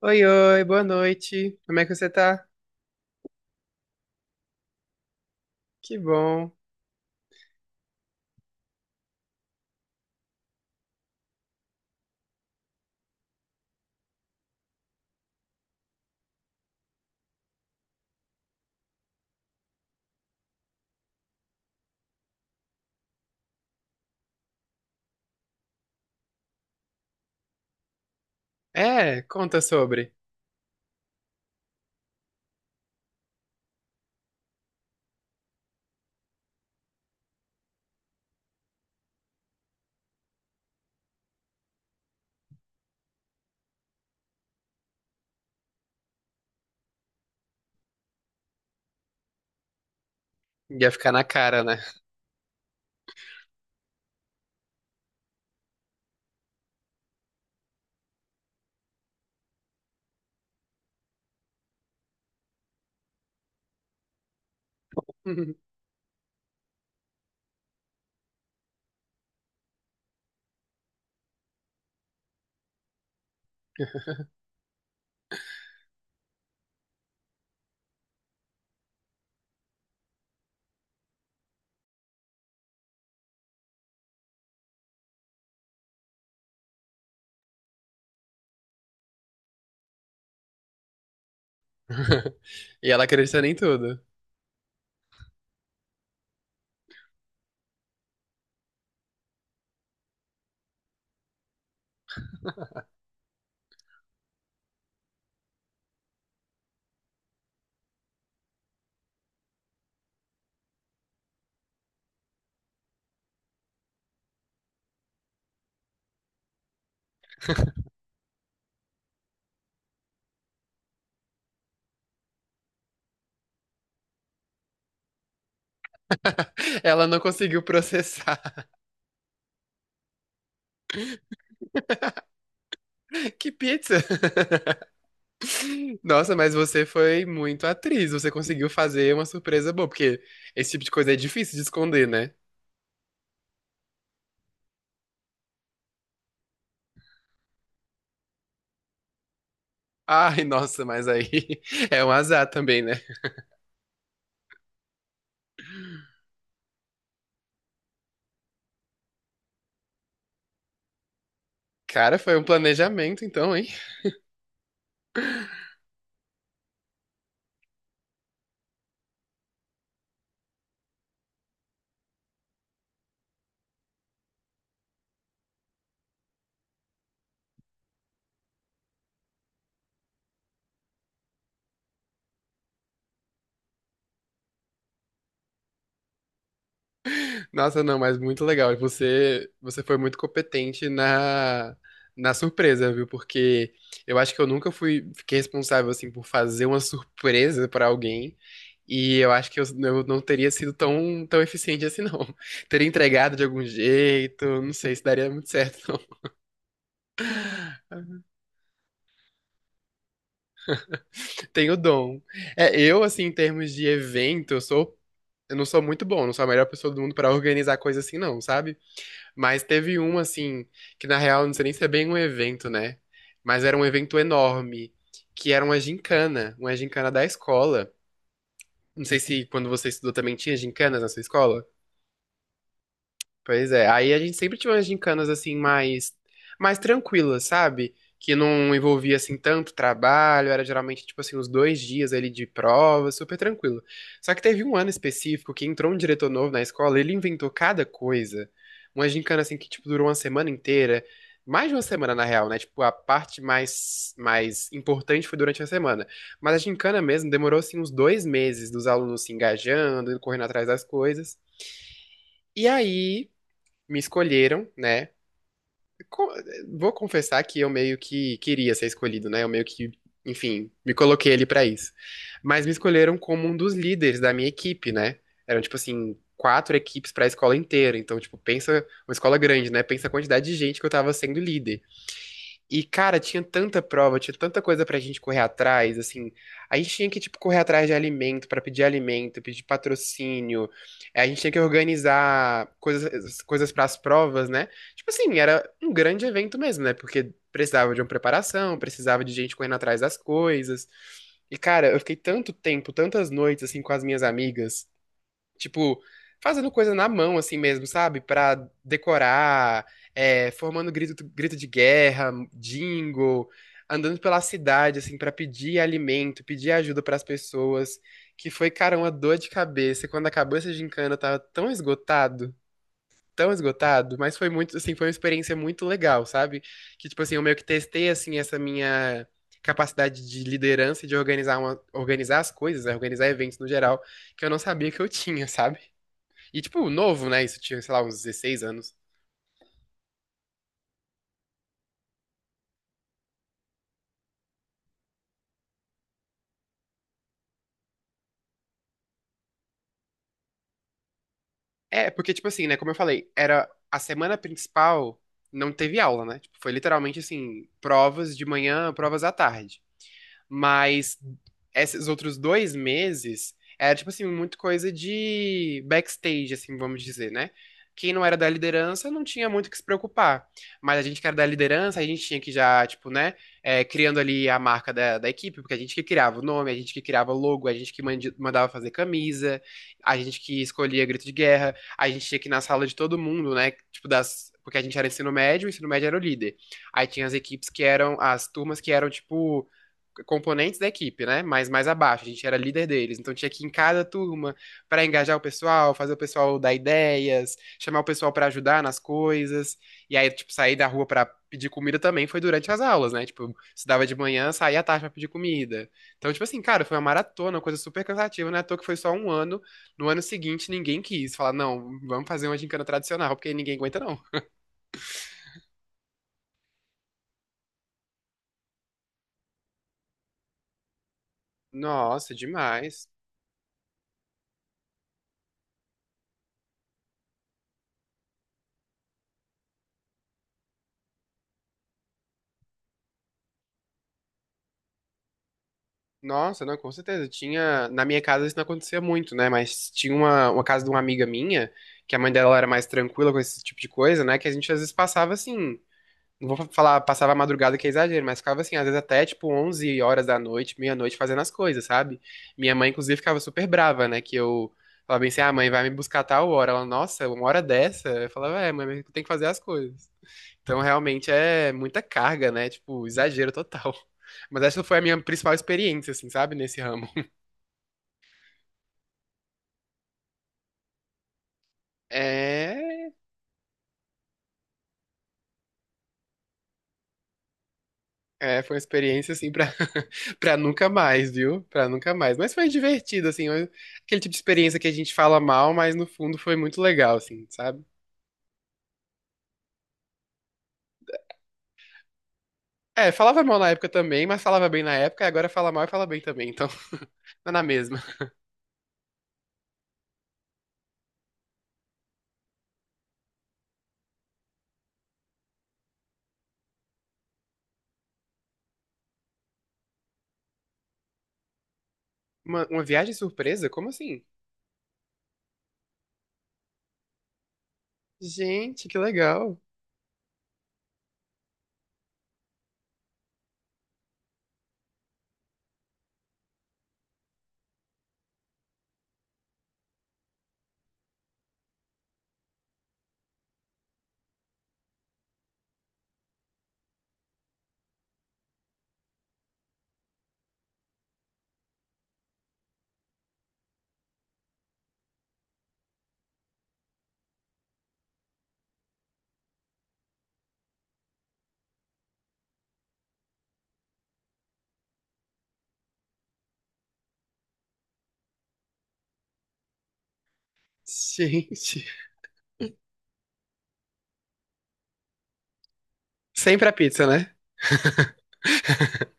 Oi, oi, boa noite. Como é que você tá? Que bom. É, conta sobre. Ia ficar na cara, né? E ela acreditando em tudo. Ela não conseguiu processar. Que pizza! Nossa, mas você foi muito atriz. Você conseguiu fazer uma surpresa boa, porque esse tipo de coisa é difícil de esconder, né? Ai, nossa, mas aí é um azar também, né? Cara, foi um planejamento, então, hein? Nossa, não, mas muito legal. E você foi muito competente na surpresa, viu? Porque eu acho que eu nunca fiquei responsável assim por fazer uma surpresa pra alguém. E eu acho que eu não teria sido tão, tão eficiente assim, não. Teria entregado de algum jeito, não sei se daria muito certo, não. Tenho dom. É, eu, assim, em termos de evento, eu não sou muito bom, não sou a melhor pessoa do mundo pra organizar coisa assim, não, sabe? Mas teve um, assim, que na real, não sei nem se é bem um evento, né? Mas era um evento enorme, que era uma gincana da escola. Não sei se quando você estudou também tinha gincanas na sua escola. Pois é, aí a gente sempre tinha umas gincanas assim mais tranquilas, sabe? Que não envolvia assim tanto trabalho, era geralmente tipo assim uns 2 dias ali de prova, super tranquilo. Só que teve um ano específico que entrou um diretor novo na escola, ele inventou cada coisa. Uma gincana assim que tipo durou uma semana inteira, mais de uma semana na real, né? Tipo a parte mais importante foi durante a semana, mas a gincana mesmo demorou assim uns 2 meses dos alunos se engajando, correndo atrás das coisas. E aí me escolheram, né? Co- Vou confessar que eu meio que queria ser escolhido, né? Eu meio que, enfim, me coloquei ali pra isso. Mas me escolheram como um dos líderes da minha equipe, né? Eram, tipo assim, quatro equipes pra escola inteira. Então, tipo, pensa, uma escola grande, né? Pensa a quantidade de gente que eu tava sendo líder. E, cara, tinha tanta prova, tinha tanta coisa pra gente correr atrás, assim. A gente tinha que, tipo, correr atrás de alimento, pra pedir alimento, pedir patrocínio. A gente tinha que organizar coisas para as provas, né? Tipo assim, era um grande evento mesmo, né? Porque precisava de uma preparação, precisava de gente correndo atrás das coisas. E, cara, eu fiquei tanto tempo, tantas noites, assim, com as minhas amigas, tipo, fazendo coisa na mão, assim mesmo, sabe? Pra decorar, é, formando grito de guerra, jingle, andando pela cidade, assim, pra pedir alimento, pedir ajuda pras pessoas. Que foi, cara, uma dor de cabeça. Quando acabou essa gincana, eu tava tão esgotado, mas foi muito, assim, foi uma experiência muito legal, sabe? Que, tipo assim, eu meio que testei, assim, essa minha capacidade de liderança e de organizar as coisas, né? Organizar eventos no geral, que eu não sabia que eu tinha, sabe? E, tipo, novo, né? Isso eu tinha, sei lá, uns 16 anos. É, porque, tipo assim, né? Como eu falei, era a semana principal, não teve aula, né? Tipo, foi literalmente assim, provas de manhã, provas à tarde. Mas esses outros 2 meses era, tipo assim, muito coisa de backstage, assim, vamos dizer, né? Quem não era da liderança não tinha muito o que se preocupar. Mas a gente que era da liderança, a gente tinha que já, tipo, né, criando ali a marca da equipe, porque a gente que criava o nome, a gente que criava o logo, a gente que mandava fazer camisa, a gente que escolhia grito de guerra, a gente tinha que ir na sala de todo mundo, né, tipo, das. Porque a gente era ensino médio, o ensino médio era o líder. Aí tinha as equipes que eram, as turmas que eram, tipo, componentes da equipe, né? Mas mais abaixo, a gente era líder deles. Então tinha que ir em cada turma para engajar o pessoal, fazer o pessoal dar ideias, chamar o pessoal para ajudar nas coisas. E aí, tipo, sair da rua para pedir comida também foi durante as aulas, né? Tipo, estudava de manhã, saía à tarde pra pedir comida. Então, tipo assim, cara, foi uma maratona, uma coisa super cansativa, né? À toa que foi só um ano. No ano seguinte, ninguém quis falar, não, vamos fazer uma gincana tradicional, porque ninguém aguenta, não. Nossa, demais. Nossa, não, com certeza. Tinha, na minha casa isso não acontecia muito, né? Mas tinha uma casa de uma amiga minha, que a mãe dela era mais tranquila com esse tipo de coisa, né? Que a gente às vezes passava assim, não vou falar passava a madrugada que é exagero, mas ficava assim, às vezes até tipo 11 horas da noite, meia-noite fazendo as coisas, sabe? Minha mãe inclusive ficava super brava, né? Que eu falava bem assim: "Ah, mãe, vai me buscar a tal hora". Ela, nossa, uma hora dessa? Eu falava: "É, mãe, mas eu tenho que fazer as coisas". Então, realmente é muita carga, né? Tipo, exagero total. Mas essa foi a minha principal experiência, assim, sabe? Nesse ramo. É, é, foi uma experiência, assim, pra, pra nunca mais, viu? Pra nunca mais. Mas foi divertido, assim. Aquele tipo de experiência que a gente fala mal, mas no fundo foi muito legal, assim, sabe? É, falava mal na época também, mas falava bem na época, e agora fala mal e fala bem também, então tá na mesma. Uma viagem surpresa? Como assim? Gente, que legal. Gente. Sempre a pizza, né?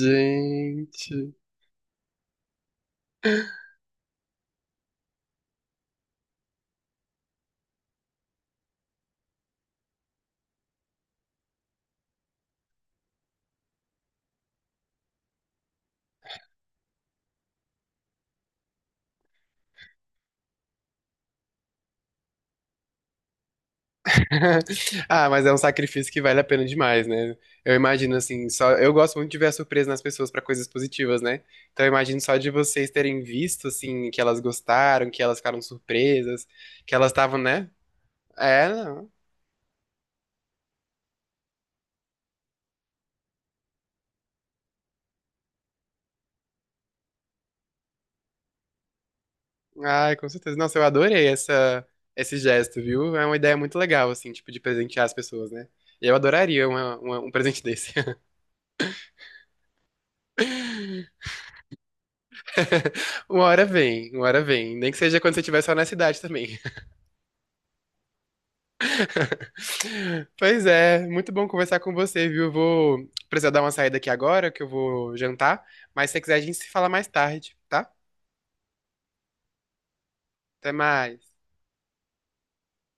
Gente. Ah, mas é um sacrifício que vale a pena demais, né? Eu imagino assim, só eu gosto muito de ver a surpresa nas pessoas pra coisas positivas, né? Então eu imagino só de vocês terem visto assim que elas gostaram, que elas ficaram surpresas, que elas estavam, né? É, não. Ai, com certeza. Nossa, eu adorei essa esse gesto, viu? É uma ideia muito legal assim, tipo de presentear as pessoas, né? Eu adoraria um presente desse. Uma hora vem, uma hora vem. Nem que seja quando você estiver só na cidade também. Pois é, muito bom conversar com você, viu? Vou precisar dar uma saída aqui agora, que eu vou jantar. Mas se você quiser, a gente se fala mais tarde, tá? Até mais.